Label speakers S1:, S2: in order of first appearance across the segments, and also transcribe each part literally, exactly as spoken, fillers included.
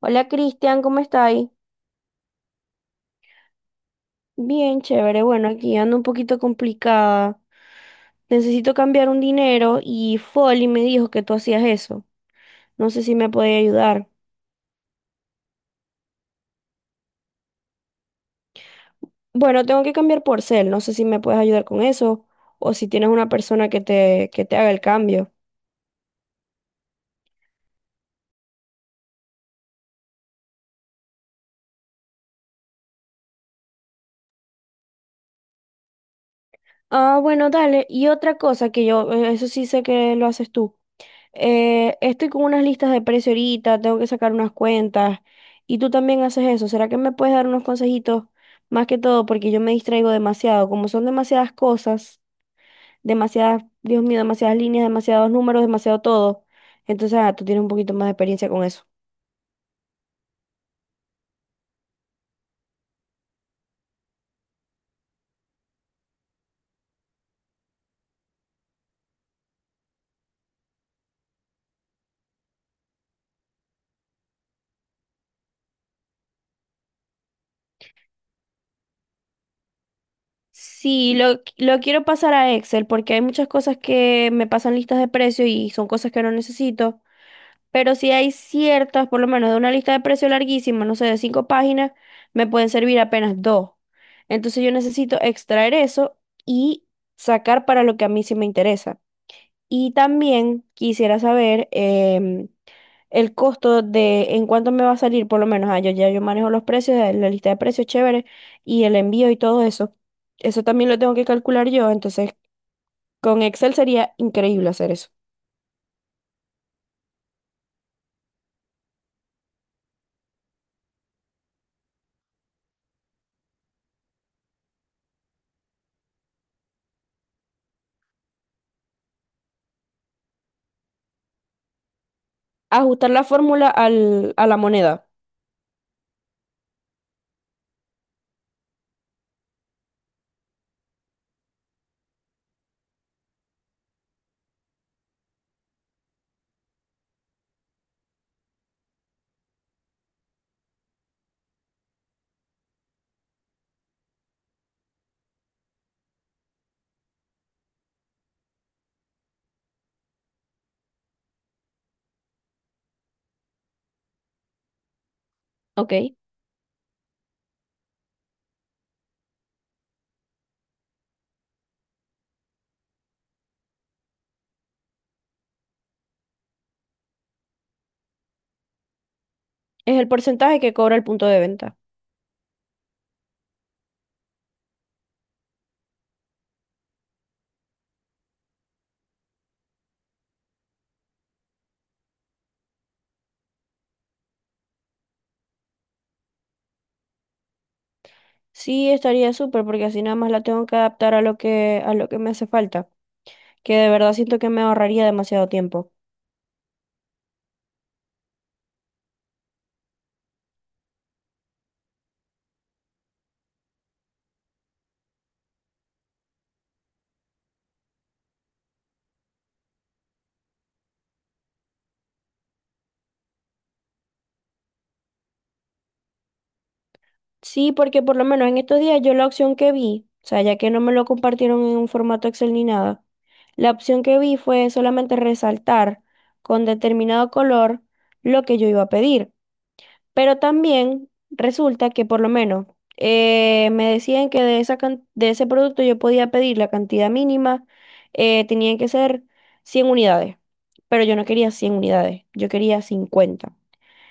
S1: Hola Cristian, ¿cómo estáis? Bien, chévere. Bueno, aquí ando un poquito complicada. Necesito cambiar un dinero y Folly me dijo que tú hacías eso. No sé si me puedes ayudar. Bueno, tengo que cambiar por Zelle. No sé si me puedes ayudar con eso o si tienes una persona que te, que te haga el cambio. Ah, bueno, dale. Y otra cosa que yo, eh, eso sí sé que lo haces tú. Eh, estoy con unas listas de precio ahorita, tengo que sacar unas cuentas y tú también haces eso. ¿Será que me puedes dar unos consejitos más que todo? Porque yo me distraigo demasiado, como son demasiadas cosas, demasiadas, Dios mío, demasiadas líneas, demasiados números, demasiado todo. Entonces, ah, tú tienes un poquito más de experiencia con eso. Sí, lo, lo quiero pasar a Excel porque hay muchas cosas que me pasan listas de precio y son cosas que no necesito. Pero si hay ciertas, por lo menos de una lista de precios larguísima, no sé, de cinco páginas, me pueden servir apenas dos. Entonces yo necesito extraer eso y sacar para lo que a mí sí me interesa. Y también quisiera saber em, el costo de en cuánto me va a salir, por lo menos, ah, yo ya yo manejo los precios, eh, la lista de precios chévere y el envío y todo eso. Eso también lo tengo que calcular yo, entonces con Excel sería increíble hacer eso. Ajustar la fórmula al, a la moneda, ¿ok? Es el porcentaje que cobra el punto de venta. Sí, estaría súper porque así nada más la tengo que adaptar a lo que, a lo que me hace falta, que de verdad siento que me ahorraría demasiado tiempo. Sí, porque por lo menos en estos días yo la opción que vi, o sea, ya que no me lo compartieron en un formato Excel ni nada, la opción que vi fue solamente resaltar con determinado color lo que yo iba a pedir. Pero también resulta que por lo menos eh, me decían que de esa can- de ese producto yo podía pedir la cantidad mínima, eh, tenían que ser cien unidades, pero yo no quería cien unidades, yo quería cincuenta.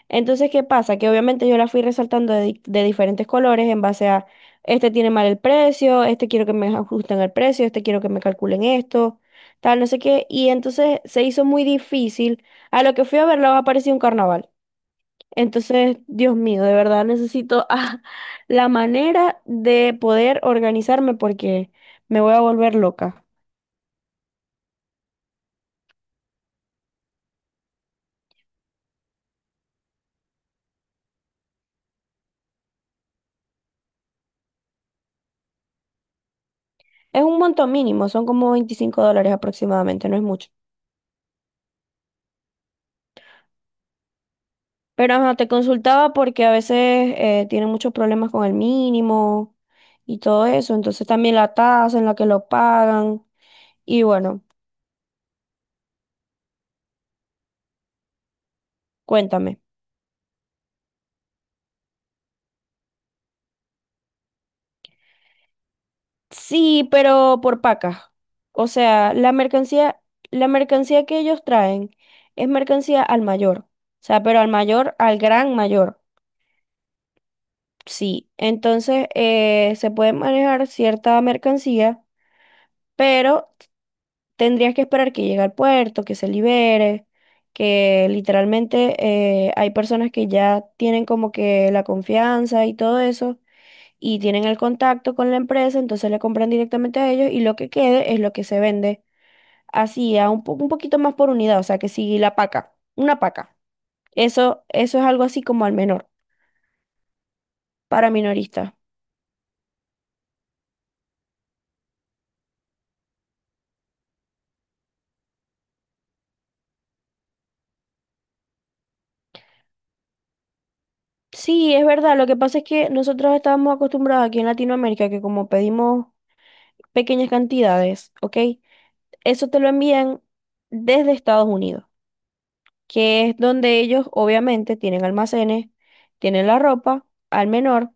S1: Entonces, ¿qué pasa? Que obviamente yo la fui resaltando de, di- de diferentes colores en base a, este tiene mal el precio, este quiero que me ajusten el precio, este quiero que me calculen esto, tal, no sé qué. Y entonces se hizo muy difícil. A lo que fui a verlo, apareció un carnaval. Entonces, Dios mío, de verdad necesito ah, la manera de poder organizarme porque me voy a volver loca. Es un monto mínimo, son como veinticinco dólares aproximadamente, no es mucho. Pero ajá, te consultaba porque a veces eh, tienen muchos problemas con el mínimo y todo eso. Entonces también la tasa en la que lo pagan. Y bueno, cuéntame. Sí, pero por pacas. O sea, la mercancía, la mercancía que ellos traen es mercancía al mayor. O sea, pero al mayor, al gran mayor. Sí. Entonces, eh, se puede manejar cierta mercancía, pero tendrías que esperar que llegue al puerto, que se libere, que literalmente eh, hay personas que ya tienen como que la confianza y todo eso. Y tienen el contacto con la empresa, entonces le compran directamente a ellos y lo que quede es lo que se vende así, a un, po- un poquito más por unidad, o sea, que si la paca, una paca, eso, eso es algo así como al menor, para minorista. Sí, es verdad, lo que pasa es que nosotros estábamos acostumbrados aquí en Latinoamérica que como pedimos pequeñas cantidades, ¿ok? Eso te lo envían desde Estados Unidos, que es donde ellos obviamente tienen almacenes, tienen la ropa al menor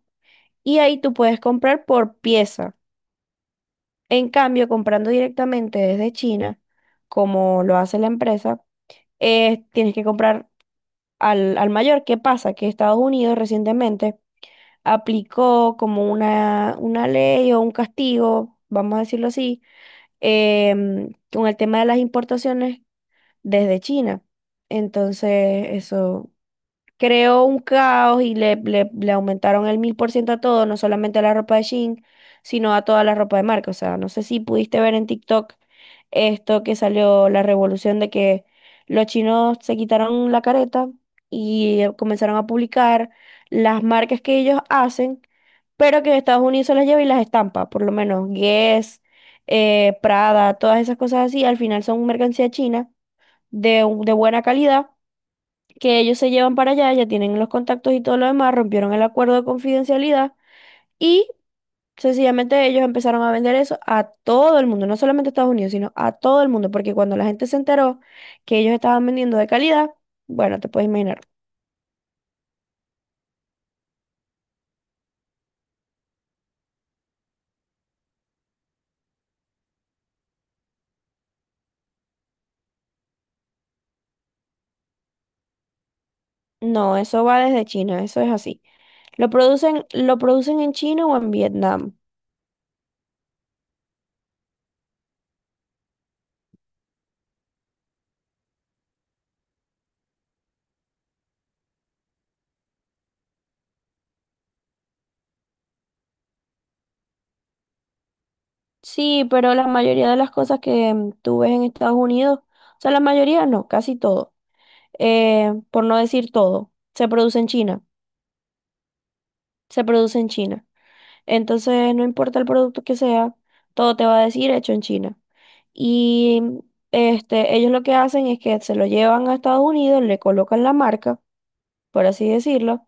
S1: y ahí tú puedes comprar por pieza. En cambio, comprando directamente desde China, como lo hace la empresa, eh, tienes que comprar al, al mayor. ¿Qué pasa? Que Estados Unidos recientemente aplicó como una, una ley o un castigo, vamos a decirlo así, em, con el tema de las importaciones desde China. Entonces, eso creó un caos y le, le, le aumentaron el mil por ciento a todo, no solamente a la ropa de Shein, sino a toda la ropa de marca. O sea, no sé si pudiste ver en TikTok esto que salió la revolución de que los chinos se quitaron la careta y eh, comenzaron a publicar las marcas que ellos hacen, pero que Estados Unidos se las lleva y las estampa, por lo menos Guess, eh, Prada, todas esas cosas así, al final son mercancía china de, de buena calidad que ellos se llevan para allá, ya tienen los contactos y todo lo demás, rompieron el acuerdo de confidencialidad y sencillamente ellos empezaron a vender eso a todo el mundo, no solamente a Estados Unidos, sino a todo el mundo, porque cuando la gente se enteró que ellos estaban vendiendo de calidad, bueno, te puedes imaginar. No, eso va desde China, eso es así. Lo producen, lo producen en China o en Vietnam. Sí, pero la mayoría de las cosas que mm, tú ves en Estados Unidos, o sea, la mayoría no, casi todo, eh, por no decir todo, se produce en China. Se produce en China. Entonces, no importa el producto que sea, todo te va a decir hecho en China. Y este, ellos lo que hacen es que se lo llevan a Estados Unidos, le colocan la marca, por así decirlo,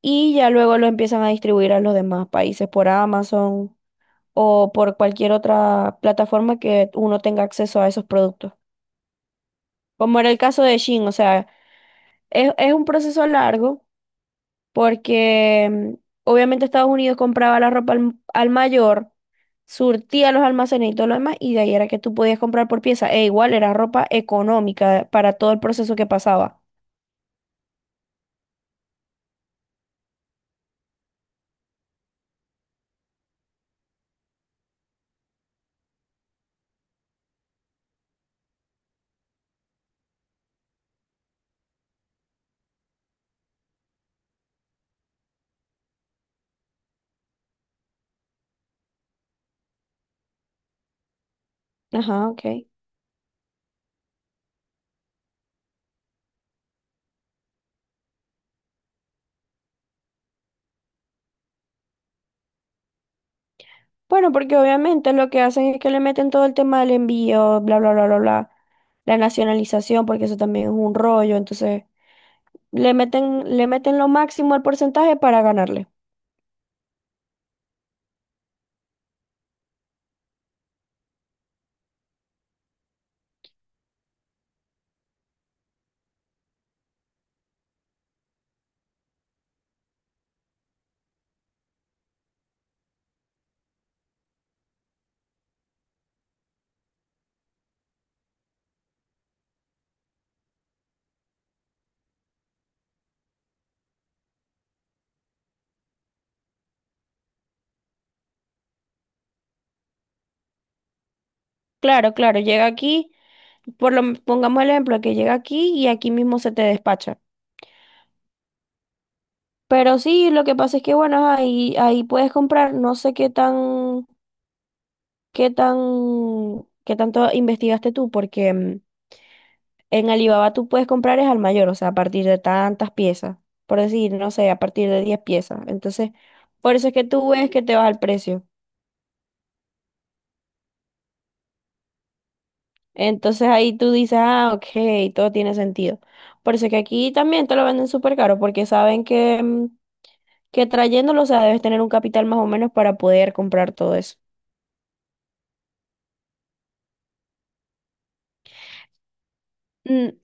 S1: y ya luego lo empiezan a distribuir a los demás países por Amazon o por cualquier otra plataforma que uno tenga acceso a esos productos. Como era el caso de Shein, o sea, es, es un proceso largo porque mm, obviamente Estados Unidos compraba la ropa al al mayor surtía los almacenes y todo lo demás, y de ahí era que tú podías comprar por pieza. E igual era ropa económica para todo el proceso que pasaba. Ajá, ok. Bueno, porque obviamente lo que hacen es que le meten todo el tema del envío, bla, bla, bla, bla, bla, la nacionalización, porque eso también es un rollo, entonces le meten, le meten lo máximo al porcentaje para ganarle. Claro, claro, llega aquí, por lo, pongamos el ejemplo, que llega aquí y aquí mismo se te despacha. Pero sí, lo que pasa es que, bueno, ahí, ahí puedes comprar, no sé qué tan ¿Qué tan, qué tanto investigaste tú? Porque mm, en Alibaba tú puedes comprar es al mayor, o sea, a partir de tantas piezas, por decir, no sé, a partir de diez piezas. Entonces, por eso es que tú ves que te vas al precio. Entonces ahí tú dices, ah, ok, todo tiene sentido. Por eso es que aquí también te lo venden súper caro, porque saben que, mm, que trayéndolo, o sea, debes tener un capital más o menos para poder comprar todo eso. Mm,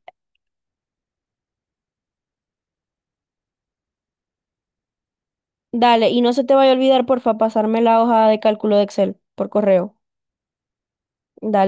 S1: dale, y no se te vaya a olvidar, porfa, pasarme la hoja de cálculo de Excel por correo. Dale.